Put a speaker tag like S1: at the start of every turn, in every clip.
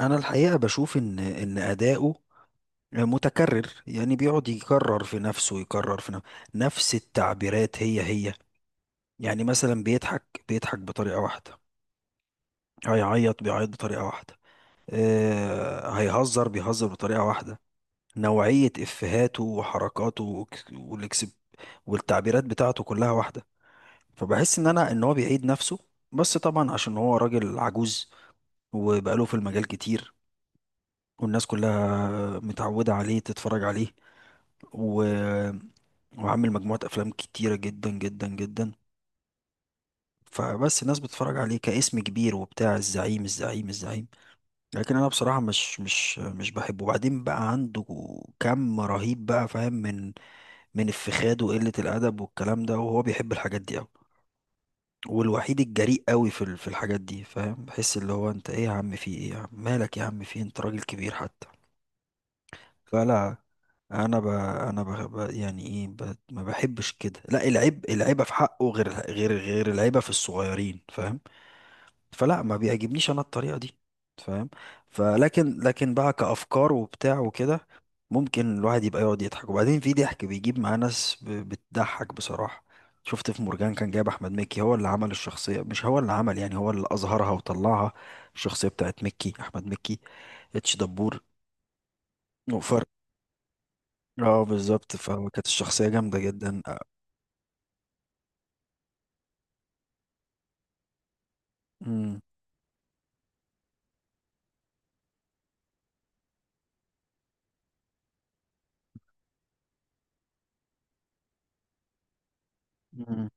S1: انا الحقيقه بشوف ان اداؤه متكرر، يعني بيقعد يكرر في نفسه، يكرر في نفسه نفس التعبيرات هي هي. يعني مثلا بيضحك بيضحك بطريقه واحده، هيعيط بيعيط بطريقه واحده. هيهزر بيهزر بطريقه واحده. نوعيه افهاته وحركاته والاكسب والتعبيرات بتاعته كلها واحده. فبحس ان هو بيعيد نفسه. بس طبعا عشان هو راجل عجوز وبقاله في المجال كتير، والناس كلها متعودة عليه تتفرج عليه، و... وعامل مجموعة أفلام كتيرة جدا جدا جدا. فبس الناس بتتفرج عليه كاسم كبير وبتاع، الزعيم الزعيم الزعيم. لكن أنا بصراحة مش بحبه. وبعدين بقى عنده كم رهيب بقى، فاهم؟ من الفخاد وقلة الأدب والكلام ده، وهو بيحب الحاجات دي أوي. والوحيد الجريء قوي في الحاجات دي، فاهم؟ بحس اللي هو انت ايه يا عم، في ايه يا عم، مالك يا عم، في إيه؟ انت راجل كبير حتى. فلا، انا ب... انا ب... ب... يعني ايه ب... ما بحبش كده. لا، العيب، العيبه في حقه غير العيبه في الصغيرين، فاهم؟ فلا، ما بيعجبنيش انا الطريقه دي، فاهم؟ فلكن بقى كافكار وبتاع وكده، ممكن الواحد يبقى يقعد يضحك. وبعدين في ضحك بيجيب معاه ناس بتضحك بصراحه. شفت في مرجان كان جايب احمد مكي، هو اللي عمل الشخصيه، مش هو اللي عمل، يعني هو اللي اظهرها وطلعها، الشخصيه بتاعت احمد مكي، اتش دبور. اه بالظبط، فكانت الشخصية جامدة جدا. امم. امم.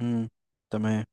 S1: امم. تمام،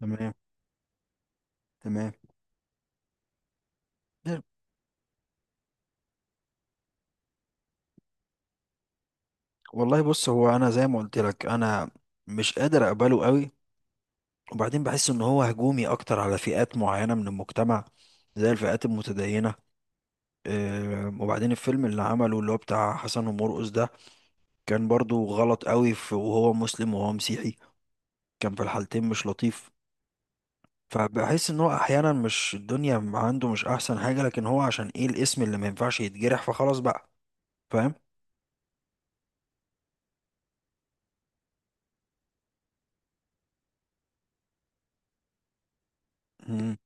S1: تمام، تمام. والله بص، هو انا زي ما قلت لك، انا مش قادر اقبله قوي. وبعدين بحس ان هو هجومي اكتر على فئات معينة من المجتمع، زي الفئات المتدينة. وبعدين الفيلم اللي عمله اللي هو بتاع حسن ومرقص ده، كان برضو غلط قوي في، وهو مسلم وهو مسيحي، كان في الحالتين مش لطيف. فبحس ان هو احيانا، مش الدنيا عنده مش احسن حاجة، لكن هو عشان ايه؟ الاسم اللي ما ينفعش يتجرح، فخلاص بقى، فاهم؟ مم.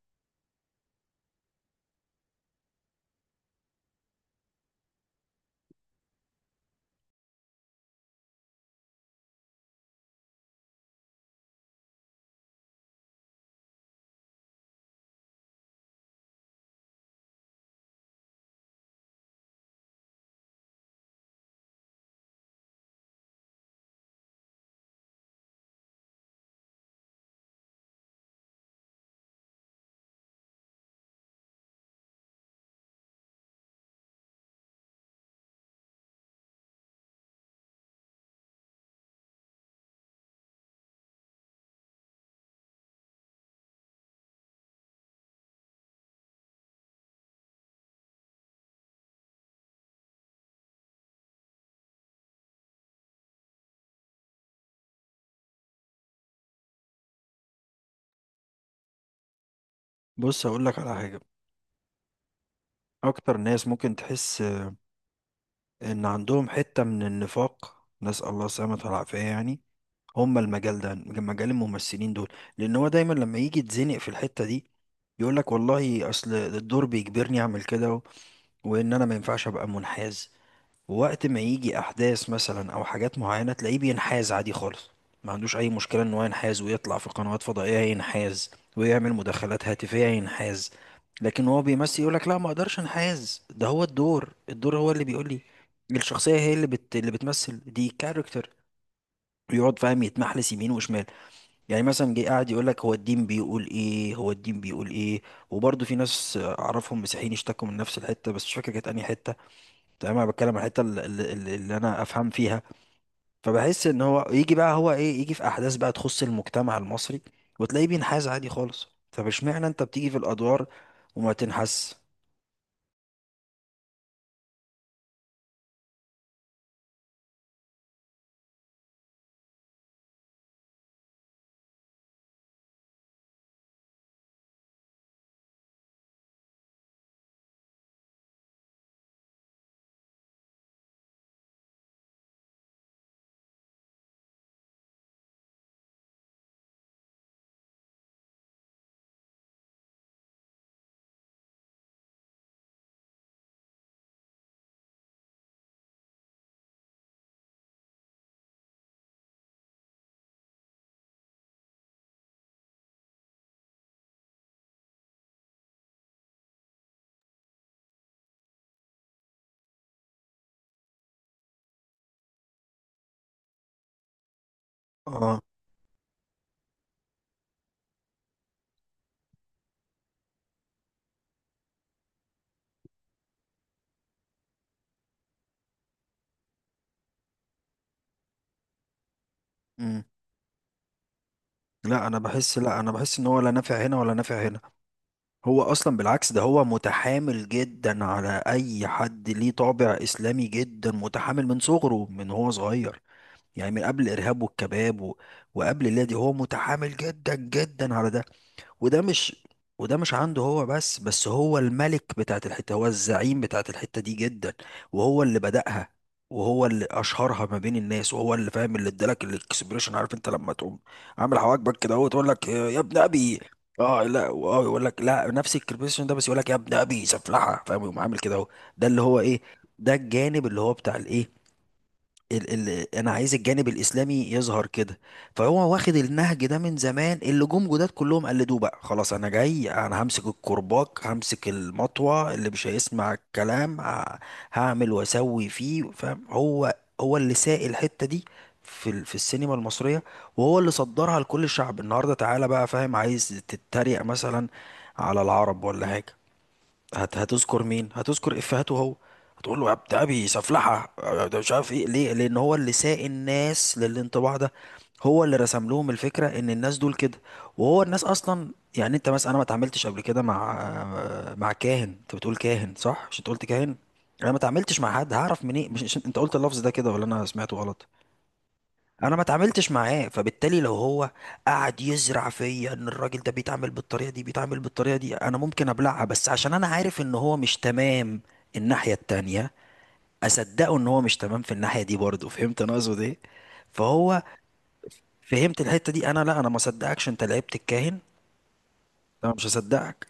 S1: بص هقول لك على حاجة، اكتر ناس ممكن تحس ان عندهم حتة من النفاق، نسأل الله السلامة والعافية، يعني هم المجال ده، مجال الممثلين دول. لان هو دايما لما يجي يتزنق في الحتة دي، يقول لك والله اصل الدور بيجبرني اعمل كده وان انا ما ينفعش ابقى منحاز. وقت ما يجي احداث مثلا او حاجات معينه، تلاقيه بينحاز عادي خالص، ما عندوش اي مشكله ان هو ينحاز، ويطلع في قنوات فضائيه ينحاز، ويعمل مداخلات هاتفيه ينحاز. لكن هو بيمثل، يقول لك لا ما اقدرش انحاز، ده هو الدور، الدور هو اللي بيقول لي، الشخصيه هي اللي اللي بتمثل دي كاركتر. ويقعد فاهم يتمحلس يمين وشمال. يعني مثلا جه قاعد يقول لك هو الدين بيقول ايه، هو الدين بيقول ايه. وبرضه في ناس اعرفهم مسيحيين اشتكوا من نفس الحته، بس مش فاكر كانت انهي حته. تمام، انا بتكلم عن الحته اللي، اللي انا افهم فيها. فبحس ان هو يجي بقى، هو ايه، يجي في احداث بقى تخص المجتمع المصري وتلاقيه بينحاز عادي خالص. طب اشمعنى انت بتيجي في الادوار وما تنحس؟ اه. امم. لا انا بحس، لا انا بحس ان هو لا نافع هنا ولا نافع هنا. هو اصلا بالعكس، ده هو متحامل جدا على اي حد ليه طابع اسلامي. جدا متحامل من صغره، من هو صغير، يعني من قبل الارهاب والكباب وقبل اللي دي، هو متحامل جدا جدا على ده. وده مش وده مش عنده هو، بس هو الملك بتاعت الحتة، هو الزعيم بتاعت الحتة دي جدا. وهو اللي بدأها، وهو اللي أشهرها ما بين الناس، وهو اللي فاهم اللي ادالك الاكسبريشن. عارف انت لما تقوم عامل حواجبك كده اهو، تقول لك يا ابن ابي. اه، لا اه، يقول لك لا، نفس الاكسبريشن ده بس يقول لك يا ابن ابي سفلحه، فاهم؟ يقوم عامل كده اهو، ده اللي هو ايه، ده الجانب اللي هو بتاع الايه، ال انا عايز الجانب الاسلامي يظهر كده. فهو واخد النهج ده من زمان، اللي جم جداد كلهم قلدوه بقى. خلاص انا جاي، انا همسك الكرباج، همسك المطوه، اللي مش هيسمع الكلام هعمل واسوي فيه، فاهم؟ هو، هو اللي ساق الحته دي في السينما المصريه، وهو اللي صدرها لكل الشعب النهارده. تعالى بقى فاهم، عايز تتريق مثلا على العرب ولا حاجه، هتذكر مين؟ هتذكر افهاته هو، هتقول له يا بتاع ابي سفلحه، يا ده مش عارف ايه. ليه؟ لان هو اللي ساق الناس للانطباع ده. هو اللي رسم لهم الفكره ان الناس دول كده. وهو الناس اصلا، يعني انت مثلا، انا ما اتعاملتش قبل كده مع، مع كاهن. انت بتقول كاهن، صح؟ مش انت قلت كاهن؟ انا ما اتعاملتش مع حد، هعرف منين؟ انت قلت اللفظ ده كده، ولا انا سمعته غلط؟ انا ما اتعاملتش معاه، فبالتالي لو هو قعد يزرع فيا ان الراجل ده بيتعامل بالطريقه دي، بيتعامل بالطريقه دي، انا ممكن ابلعها بس عشان انا عارف ان هو مش تمام الناحيه التانية، اصدقه ان هو مش تمام في الناحيه دي برضه. فهمت انا اقصد ايه؟ فهو، فهمت الحته دي. انا لا، انا ما اصدقكش انت لعبت الكاهن، انا مش هصدقك.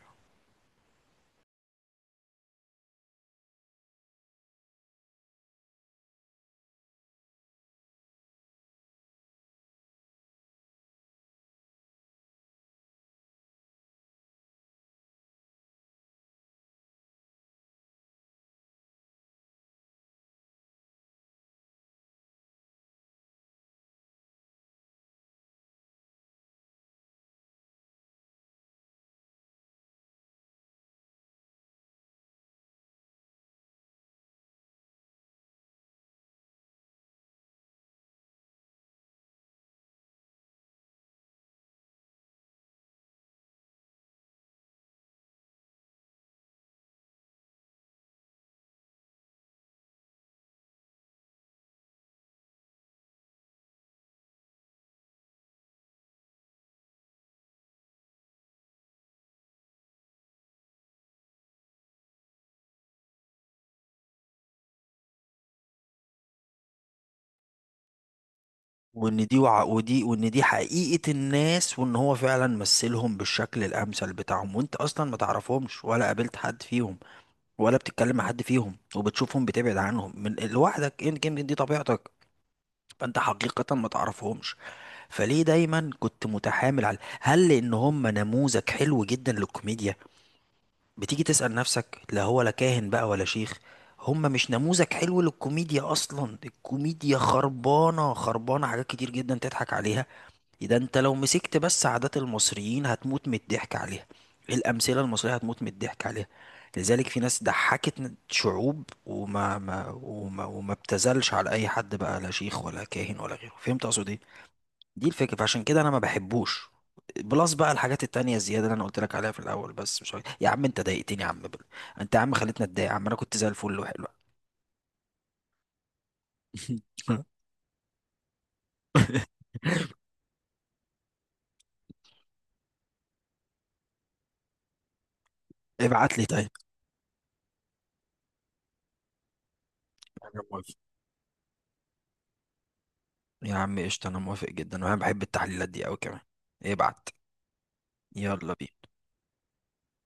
S1: وان دي حقيقه الناس، وان هو فعلا مثلهم بالشكل الامثل بتاعهم، وانت اصلا ما تعرفهمش ولا قابلت حد فيهم، ولا بتتكلم مع حد فيهم، وبتشوفهم بتبعد عنهم من لوحدك، انت جيم دي طبيعتك. فانت حقيقة ما تعرفهمش. فليه دايما كنت متحامل على هل، لان هم نموذج حلو جدا للكوميديا؟ بتيجي تسأل نفسك، لا هو لا كاهن بقى ولا شيخ. هم مش نموذج حلو للكوميديا اصلا، الكوميديا خربانة، خربانة حاجات كتير جدا تضحك عليها. ده انت لو مسكت بس عادات المصريين هتموت من الضحك عليها، الامثله المصريه هتموت من الضحك عليها. لذلك في ناس ضحكت شعوب وما ما وما, وما ابتذلش على اي حد، بقى لا شيخ ولا كاهن ولا غيره، فهمت اقصد ايه؟ دي الفكره، فعشان كده انا ما بحبوش. بلس بقى الحاجات التانية الزيادة اللي انا قلت لك عليها في الاول، بس مش عارف. يا عم انت ضايقتني يا عم، انت يا عم خليتني اتضايق يا عم، انا كنت زي الفل وحلو. ابعت لي. طيب يا عم قشطة، أنا موافق جدا وأنا بحب التحليلات دي أوي كمان. ابعت. يلا بينا.